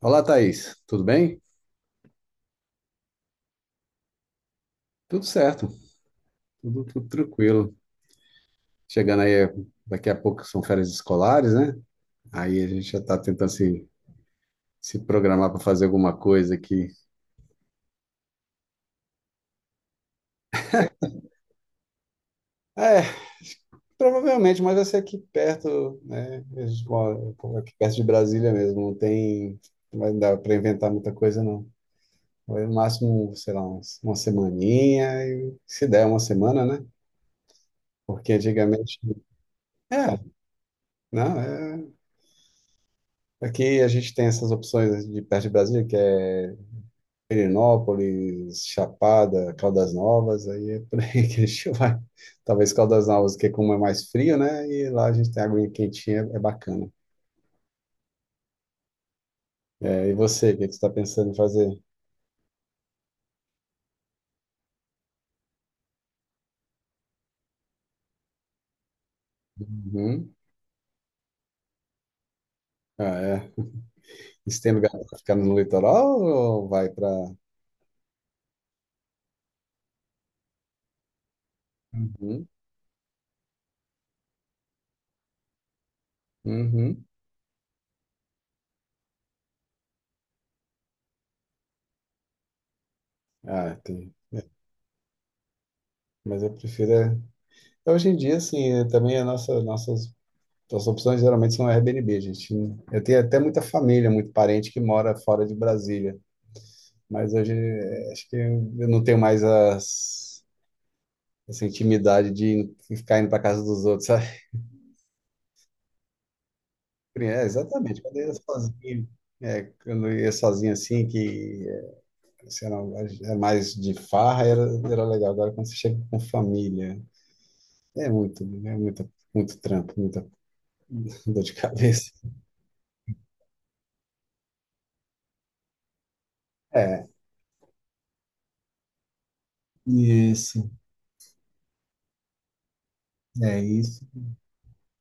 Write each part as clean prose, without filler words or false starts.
Olá, Thaís. Tudo bem? Tudo certo, tudo tranquilo. Chegando aí, daqui a pouco são férias escolares, né? Aí a gente já está tentando se programar para fazer alguma coisa aqui. É, provavelmente, mas vai ser aqui perto, né? Eu moro aqui perto de Brasília mesmo. Não vai dar para inventar muita coisa, não. Vai no máximo, sei lá, uma semaninha, e se der uma semana, né? Porque antigamente. É, não, é. Aqui a gente tem essas opções de perto de Brasília, que é Perinópolis, Chapada, Caldas Novas, aí é por aí que a gente vai. Talvez Caldas Novas, que é como é mais frio, né? E lá a gente tem aguinha quentinha, é bacana. É, e você, o que é que você está pensando em fazer? Uhum. Ah, é. Você tem lugar para ficar no litoral ou vai para. Uhum. Uhum. Ah, tem. Mas eu prefiro. Hoje em dia, assim, é, também a nossa, nossas então, as opções geralmente são Airbnb, gente. Eu tenho até muita família, muito parente que mora fora de Brasília, mas hoje acho que eu não tenho mais essa intimidade de ficar indo para casa dos outros, sabe? É, exatamente. Quando eu ia sozinho, é, quando eu ia sozinho assim, que eh, assim, era, era mais de farra, era legal. Agora, quando você chega com família, muito trampo, muita dor de cabeça. É, isso, é isso.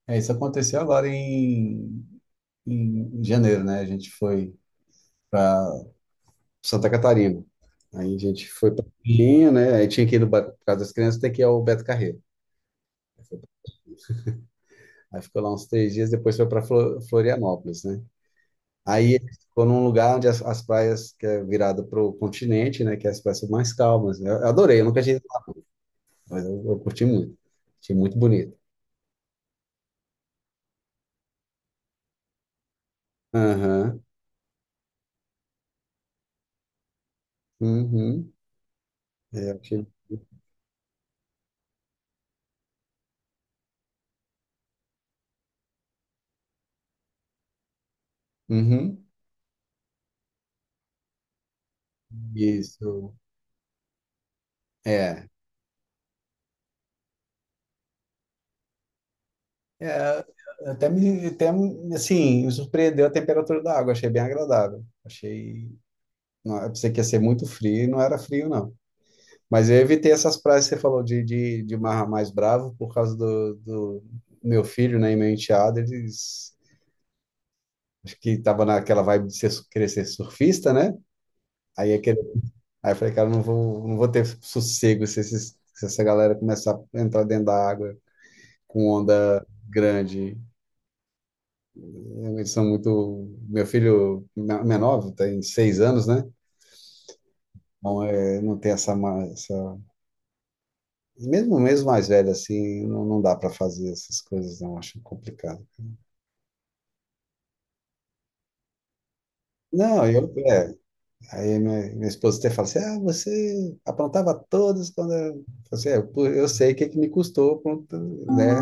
É, isso aconteceu agora em janeiro, né? A gente foi para Santa Catarina. Aí a gente foi para Linha, né? Aí tinha que ir no ba- por causa das crianças, tem que ir ao Beto Carreiro. Aí ficou lá uns 3 dias, depois foi para Florianópolis, né? Aí ficou num lugar onde as praias, que é virada para o continente, né? Que as praias são mais calmas. Eu adorei, eu nunca tinha ido lá, não, mas eu curti muito. Achei muito bonito. Aham, uhum, é, eu achei- uhum, isso, é. É, até me, até, assim, me surpreendeu a temperatura da água, achei bem agradável. Achei, não, eu pensei que ia ser muito frio e não era frio, não. Mas eu evitei essas praias que você falou de mar mais bravo por causa do meu filho, né, e meu enteado, eles... Acho que tava naquela vibe de querer ser surfista, né? Aí, aquele, aí eu falei, cara, eu não vou, não vou ter sossego se essa galera começar a entrar dentro da água com onda grande. Realmente são muito. Menor tem 6 anos, né? Não, é, não tem essa, ma- essa. Mesmo mais velho assim, não dá para fazer essas coisas, não. Acho complicado. Não, eu. É, aí minha esposa até fala assim: ah, você aprontava todas quando. Falo assim, é, pô, eu sei que me custou, aprontar, né?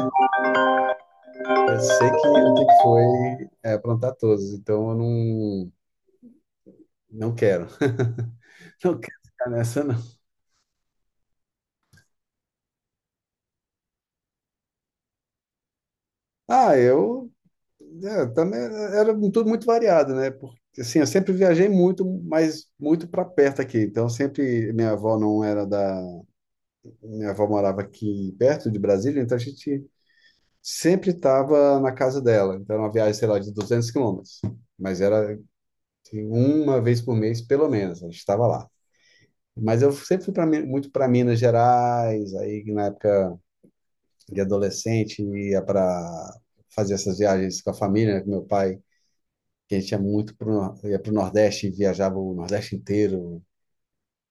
Eu sei o que que foi aprontar todas, então eu não, não quero. Não quero ficar nessa, não. Ah, eu É, também era tudo muito variado, né? Porque assim, eu sempre viajei muito, mas muito para perto aqui. Então sempre minha avó não era da, minha avó morava aqui perto de Brasília, então a gente sempre estava na casa dela. Então era uma viagem, sei lá, de 200 quilômetros, mas era assim, uma vez por mês pelo menos, a gente estava lá. Mas eu sempre muito para Minas Gerais, aí na época de adolescente ia para fazer essas viagens com a família, né, com meu pai que a gente ia pro Nordeste e viajava o Nordeste inteiro.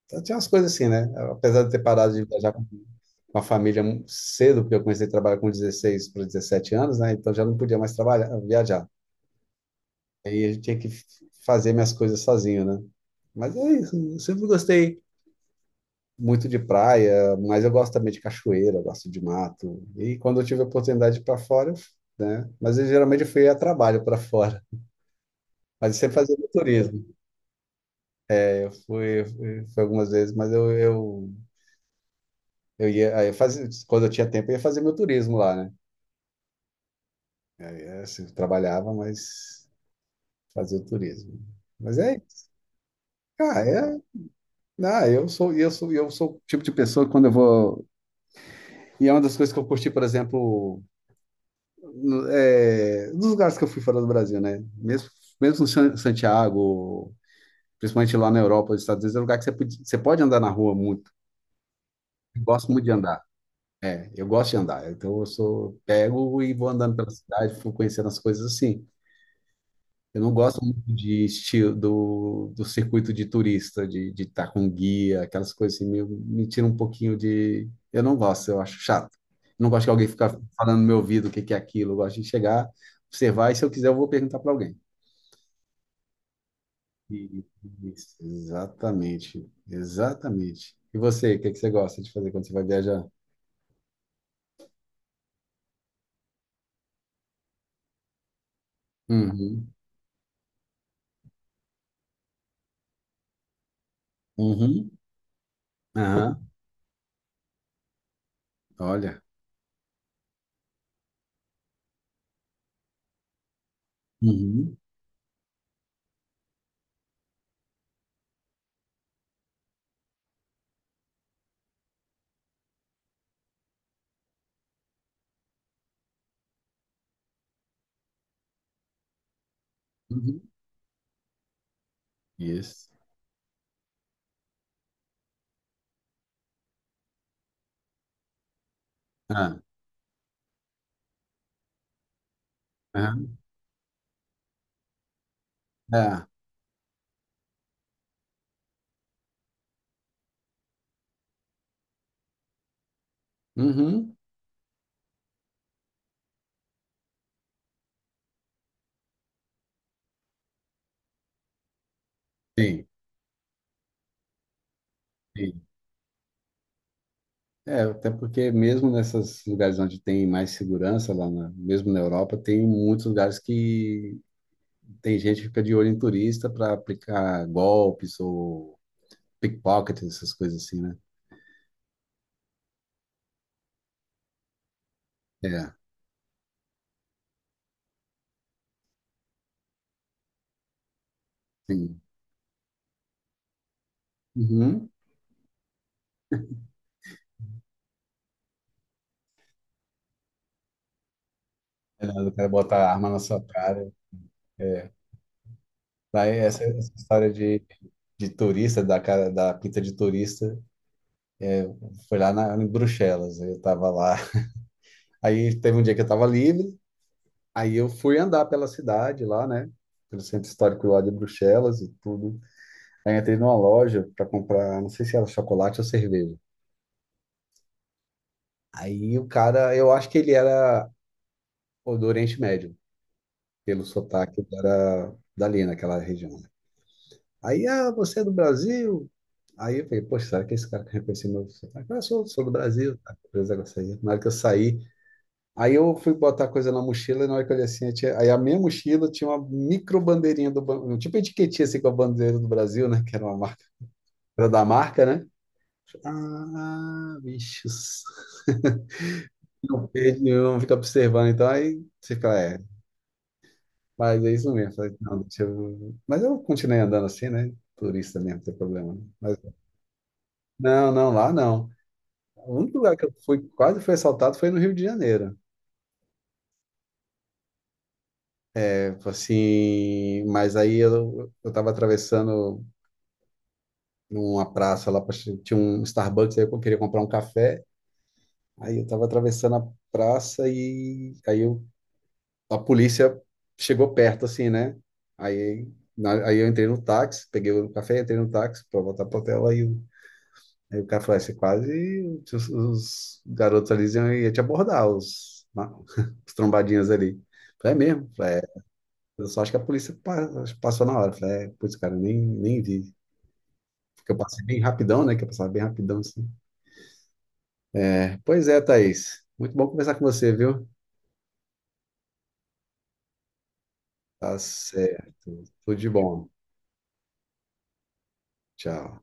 Então, tinha umas coisas assim, né? Apesar de ter parado de viajar com a família cedo, porque eu comecei a trabalhar com 16 para 17 anos, né? Então já não podia mais trabalhar, viajar. Aí eu tinha que f- fazer minhas coisas sozinho, né? Mas é isso, eu sempre gostei muito de praia, mas eu gosto também de cachoeira, eu gosto de mato. E quando eu tive a oportunidade para fora, né? Mas eu geralmente fui a trabalho para fora. Mas eu sempre fazia turismo. Fui algumas vezes, mas eu ia, aí eu fazia, quando eu tinha tempo, eu ia fazer meu turismo lá, né? Eu assim, eu trabalhava, mas fazia o turismo. Mas é, isso. Ah, é, ah, eu sou o tipo de pessoa que quando eu vou, e é uma das coisas que eu curti, por exemplo, nos lugares que eu fui fora do Brasil, né? Mesmo em Santiago, principalmente lá na Europa, nos Estados Unidos, é um lugar que você pode andar na rua muito. Eu gosto muito de andar. É, eu gosto de andar, então eu sou, pego e vou andando pela cidade, fico conhecendo as coisas assim. Eu não gosto muito de estilo do circuito de turista, de estar com guia, aquelas coisas assim, meio, me tira um pouquinho de. Eu não gosto, eu acho chato. Não gosto que alguém fica falando no meu ouvido o que que é aquilo. Eu gosto de chegar, observar, e se eu quiser, eu vou perguntar para alguém. E- Isso, exatamente. E você, o que que você gosta de fazer quando você vai viajar? Uhum, uhum, aham, olha. Uhum. Uhum. Isso. Ah, aham. Ah, uhum. Sim, sim. É, até porque mesmo nesses lugares onde tem mais segurança, mesmo na Europa, tem muitos lugares que tem gente que fica de olho em turista para aplicar golpes ou pickpockets, essas coisas assim, né? É, sim. Uhum. É, o cara bota a arma na sua cara. Daí essa história de turista, da cara, da pinta de turista, foi lá na, em Bruxelas. Eu tava lá. Aí teve um dia que eu tava livre, aí eu fui andar pela cidade lá, né? Pelo centro histórico lá de Bruxelas e tudo. Aí entrei numa loja para comprar, não sei se era chocolate ou cerveja. Aí o cara, eu acho que ele era ou do Oriente Médio, pelo sotaque, ele era dali, naquela região. Né? Aí, ah, você é do Brasil? Aí eu falei, poxa, será que esse cara reconheceu meu sotaque? Ah, sou do Brasil. Tá? Beleza, eu saí. Na hora que eu saí, aí eu fui botar coisa na mochila e na hora que eu olhei assim, aí a minha mochila tinha uma micro um tipo etiquetinha assim com a bandeira do Brasil, né? Que era uma marca, era da marca, né? Ah, bichos. Não perde, não fica observando, então aí você fica, é, mas é isso mesmo. Eu falei, não, deixa eu... Mas eu continuei andando assim, né? Turista mesmo, não tem problema. Né? Mas, não, não, lá não. O único lugar que eu fui, quase fui assaltado foi no Rio de Janeiro. Tipo assim, mas aí eu tava atravessando. Numa praça lá, tinha um Starbucks, aí eu queria comprar um café, aí eu tava atravessando a praça a polícia chegou perto, assim, né? Aí, aí eu entrei no táxi, peguei o café, entrei no táxi pra voltar pro hotel, aí o cara falou, "Ah, você quase, os garotos ali iam te abordar, os trombadinhas ali. Eu falei, é mesmo? Eu falei, é, eu só acho que a passou na hora. Eu falei, é, putz, cara, eu nem, nem vi. Porque eu passei bem rapidão, né? Que eu passava bem rapidão, assim. É, pois é, Thaís. Muito bom conversar com você, viu? Tá certo. Tudo de bom. Tchau.